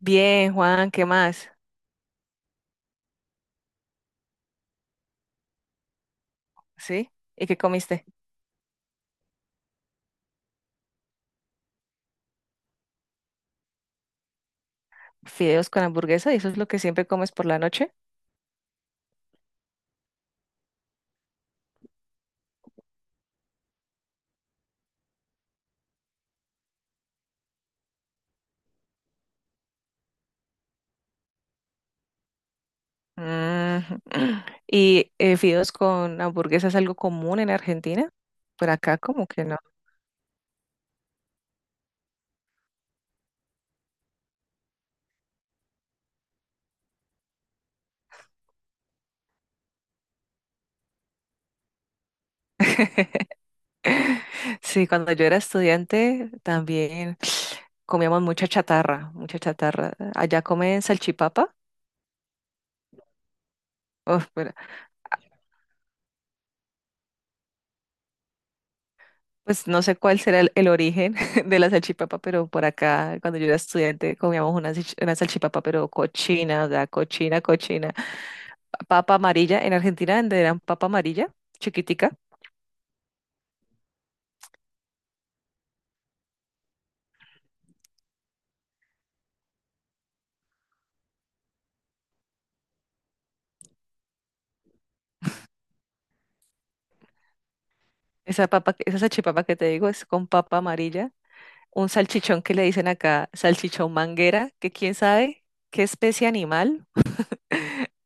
Bien, Juan, ¿qué más? ¿Sí? ¿Y qué comiste? Fideos con hamburguesa, ¿y eso es lo que siempre comes por la noche? Mm, ¿Y fideos con hamburguesa es algo común en Argentina? Por acá como que no. Sí, cuando yo era estudiante también comíamos mucha chatarra, mucha chatarra. ¿Allá comen salchipapa? Uf, pero pues no sé cuál será el origen de la salchipapa, pero por acá, cuando yo era estudiante, comíamos una, una salchipapa, pero cochina, o sea, cochina, cochina. Papa amarilla, en Argentina donde eran papa amarilla, chiquitica. Esa papa, esa salchipapa que te digo es con papa amarilla. Un salchichón que le dicen acá, salchichón manguera, que quién sabe qué especie animal,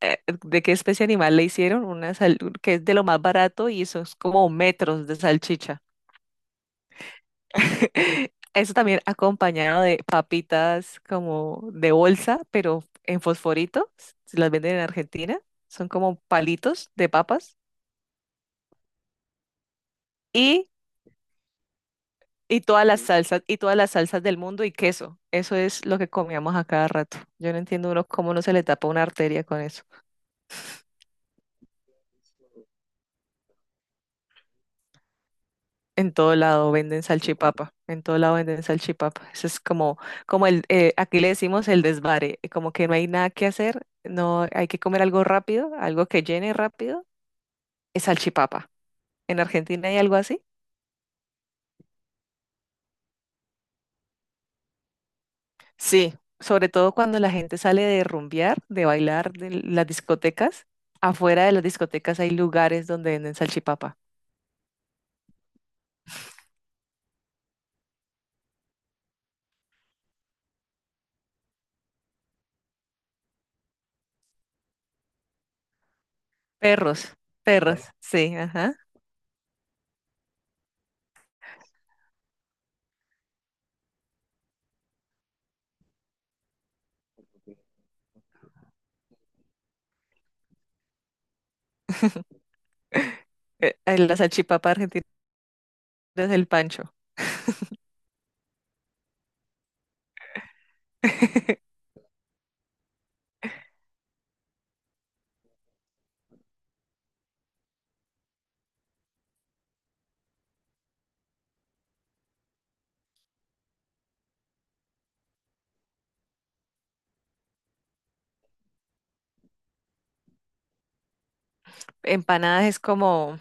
eh, de qué especie animal le hicieron, que es de lo más barato y eso es como metros de salchicha. Eso también acompañado de papitas como de bolsa, pero en fosforito, se las venden en Argentina, son como palitos de papas y, y todas las salsas, y todas las salsas del mundo y queso. Eso es lo que comíamos a cada rato. Yo no entiendo uno cómo no se le tapa una arteria con eso. En todo lado venden salchipapa, en todo lado venden salchipapa. Eso es como, como el, aquí le decimos el desvare, como que no hay nada que hacer, no hay que comer algo rápido, algo que llene rápido es salchipapa. ¿En Argentina hay algo así? Sí, sobre todo cuando la gente sale de rumbear, de bailar, de las discotecas. Afuera de las discotecas hay lugares donde venden salchipapa. Perros, perros, sí, ajá. La salchipapa argentina es el pancho. Empanadas es como,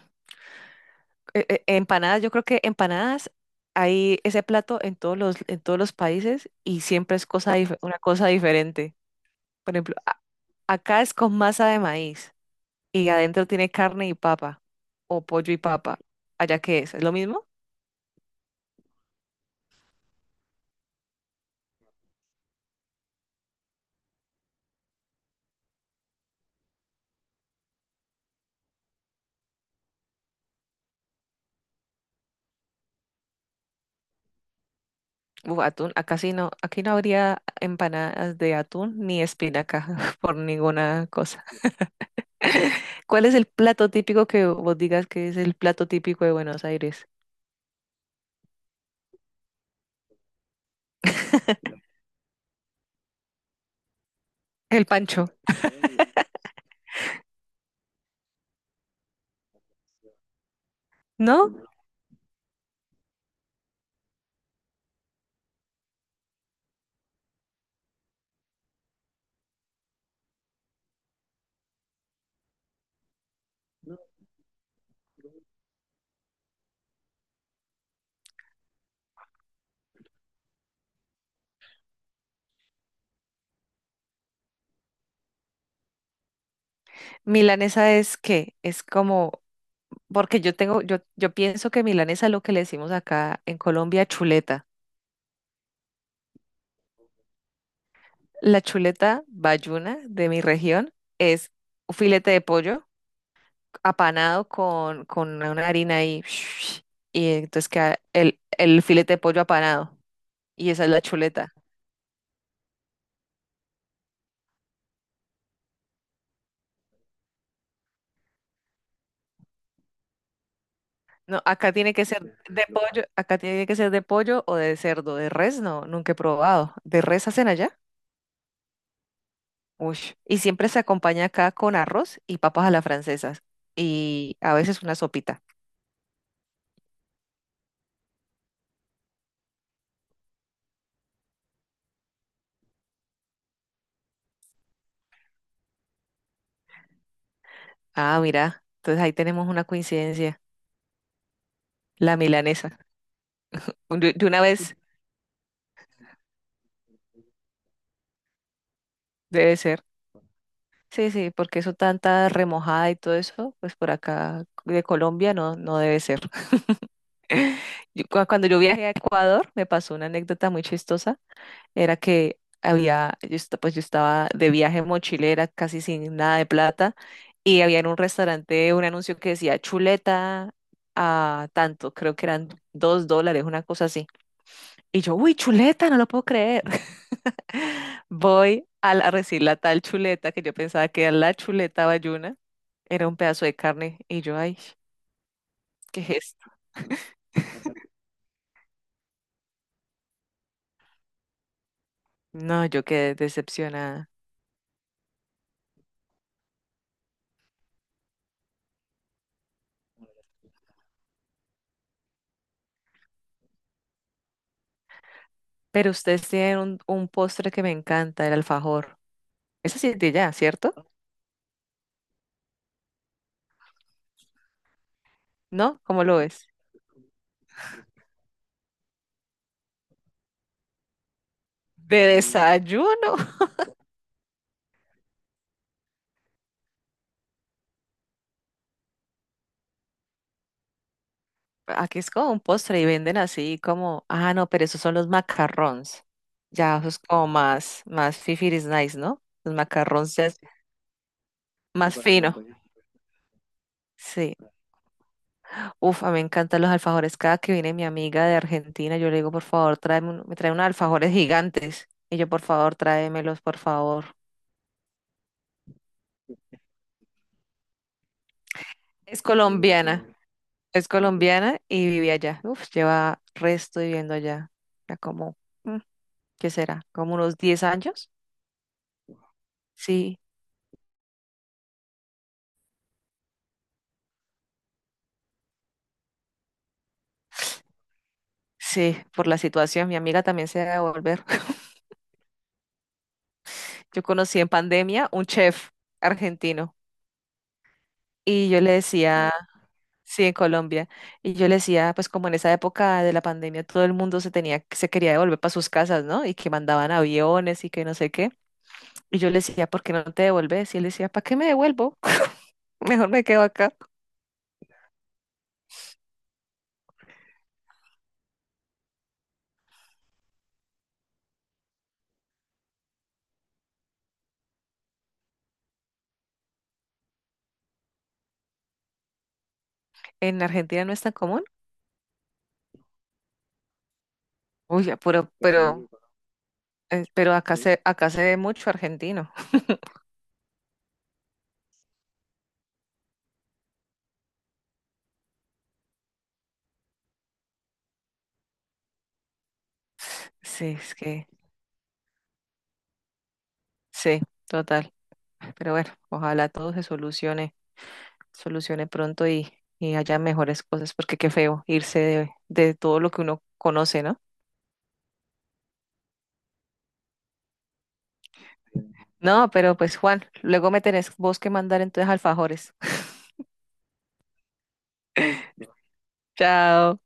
empanadas, yo creo que empanadas hay ese plato en en todos los países y siempre es cosa, una cosa diferente. Por ejemplo, acá es con masa de maíz. Y adentro tiene carne y papa o pollo y papa. ¿Allá qué es? ¿Es lo mismo? Uf, atún, acá sí no, aquí no habría empanadas de atún ni espinaca por ninguna cosa. ¿Cuál es el plato típico que vos digas que es el plato típico de Buenos Aires? El pancho, ¿no? Milanesa es qué, es como, porque yo tengo, yo pienso que milanesa es lo que le decimos acá en Colombia, chuleta. La chuleta bayuna de mi región es un filete de pollo apanado con una harina y entonces queda el filete de pollo apanado. Y esa es la chuleta. No, acá tiene que ser de pollo, acá tiene que ser de pollo o de cerdo, de res, no, nunca he probado. ¿De res hacen allá? Uy. Y siempre se acompaña acá con arroz y papas a la francesa y a veces una sopita. Ah, mira. Entonces ahí tenemos una coincidencia. La milanesa. De una vez debe ser. Sí, sí, porque eso tanta remojada y todo eso, pues por acá de Colombia no, no debe ser. Yo cuando yo viajé a Ecuador, me pasó una anécdota muy chistosa. Era que había, yo, pues yo estaba de viaje en mochilera, casi sin nada de plata, y había en un restaurante un anuncio que decía chuleta a tanto, creo que eran 2 dólares, una cosa así. Y yo, uy, chuleta, no lo puedo creer. Voy a, a recibir la tal chuleta que yo pensaba que era la chuleta bayuna, era un pedazo de carne y yo, ay, ¿qué es esto? No, yo quedé decepcionada. Pero ustedes tienen un postre que me encanta, el alfajor. Esa sí es de ya, ¿cierto? ¿No? ¿Cómo lo ves? De desayuno. Aquí es como un postre y venden así como, ah, no, pero esos son los macarrons. Ya, eso es como más, más fifiris nice, ¿no? Los macarrons ya es sí, más fino. Sí. Uf, a mí me encantan los alfajores. Cada que viene mi amiga de Argentina, yo le digo, por favor, me trae unos alfajores gigantes. Y yo, por favor, tráemelos, por favor. Es colombiana, es colombiana y vive allá. Uf, lleva resto viviendo allá. Ya como, mm, ¿qué será? ¿Como unos 10 años? Sí, sí, por la situación. Mi amiga también se va a volver. Yo conocí en pandemia un chef argentino y yo le decía sí, en Colombia. Y yo le decía, pues como en esa época de la pandemia todo el mundo se tenía, se quería devolver para sus casas, ¿no? Y que mandaban aviones y que no sé qué. Y yo le decía, ¿por qué no te devuelves? Y él decía, ¿para qué me devuelvo? Mejor me quedo acá. En Argentina no es tan común. Uy, ya, pero acá acá se ve mucho argentino. Sí, es que, sí, total. Pero bueno, ojalá todo se solucione, solucione pronto y haya mejores cosas, porque qué feo irse de todo lo que uno conoce, ¿no? No, pero pues Juan, luego me tenés vos que mandar entonces alfajores. Chao.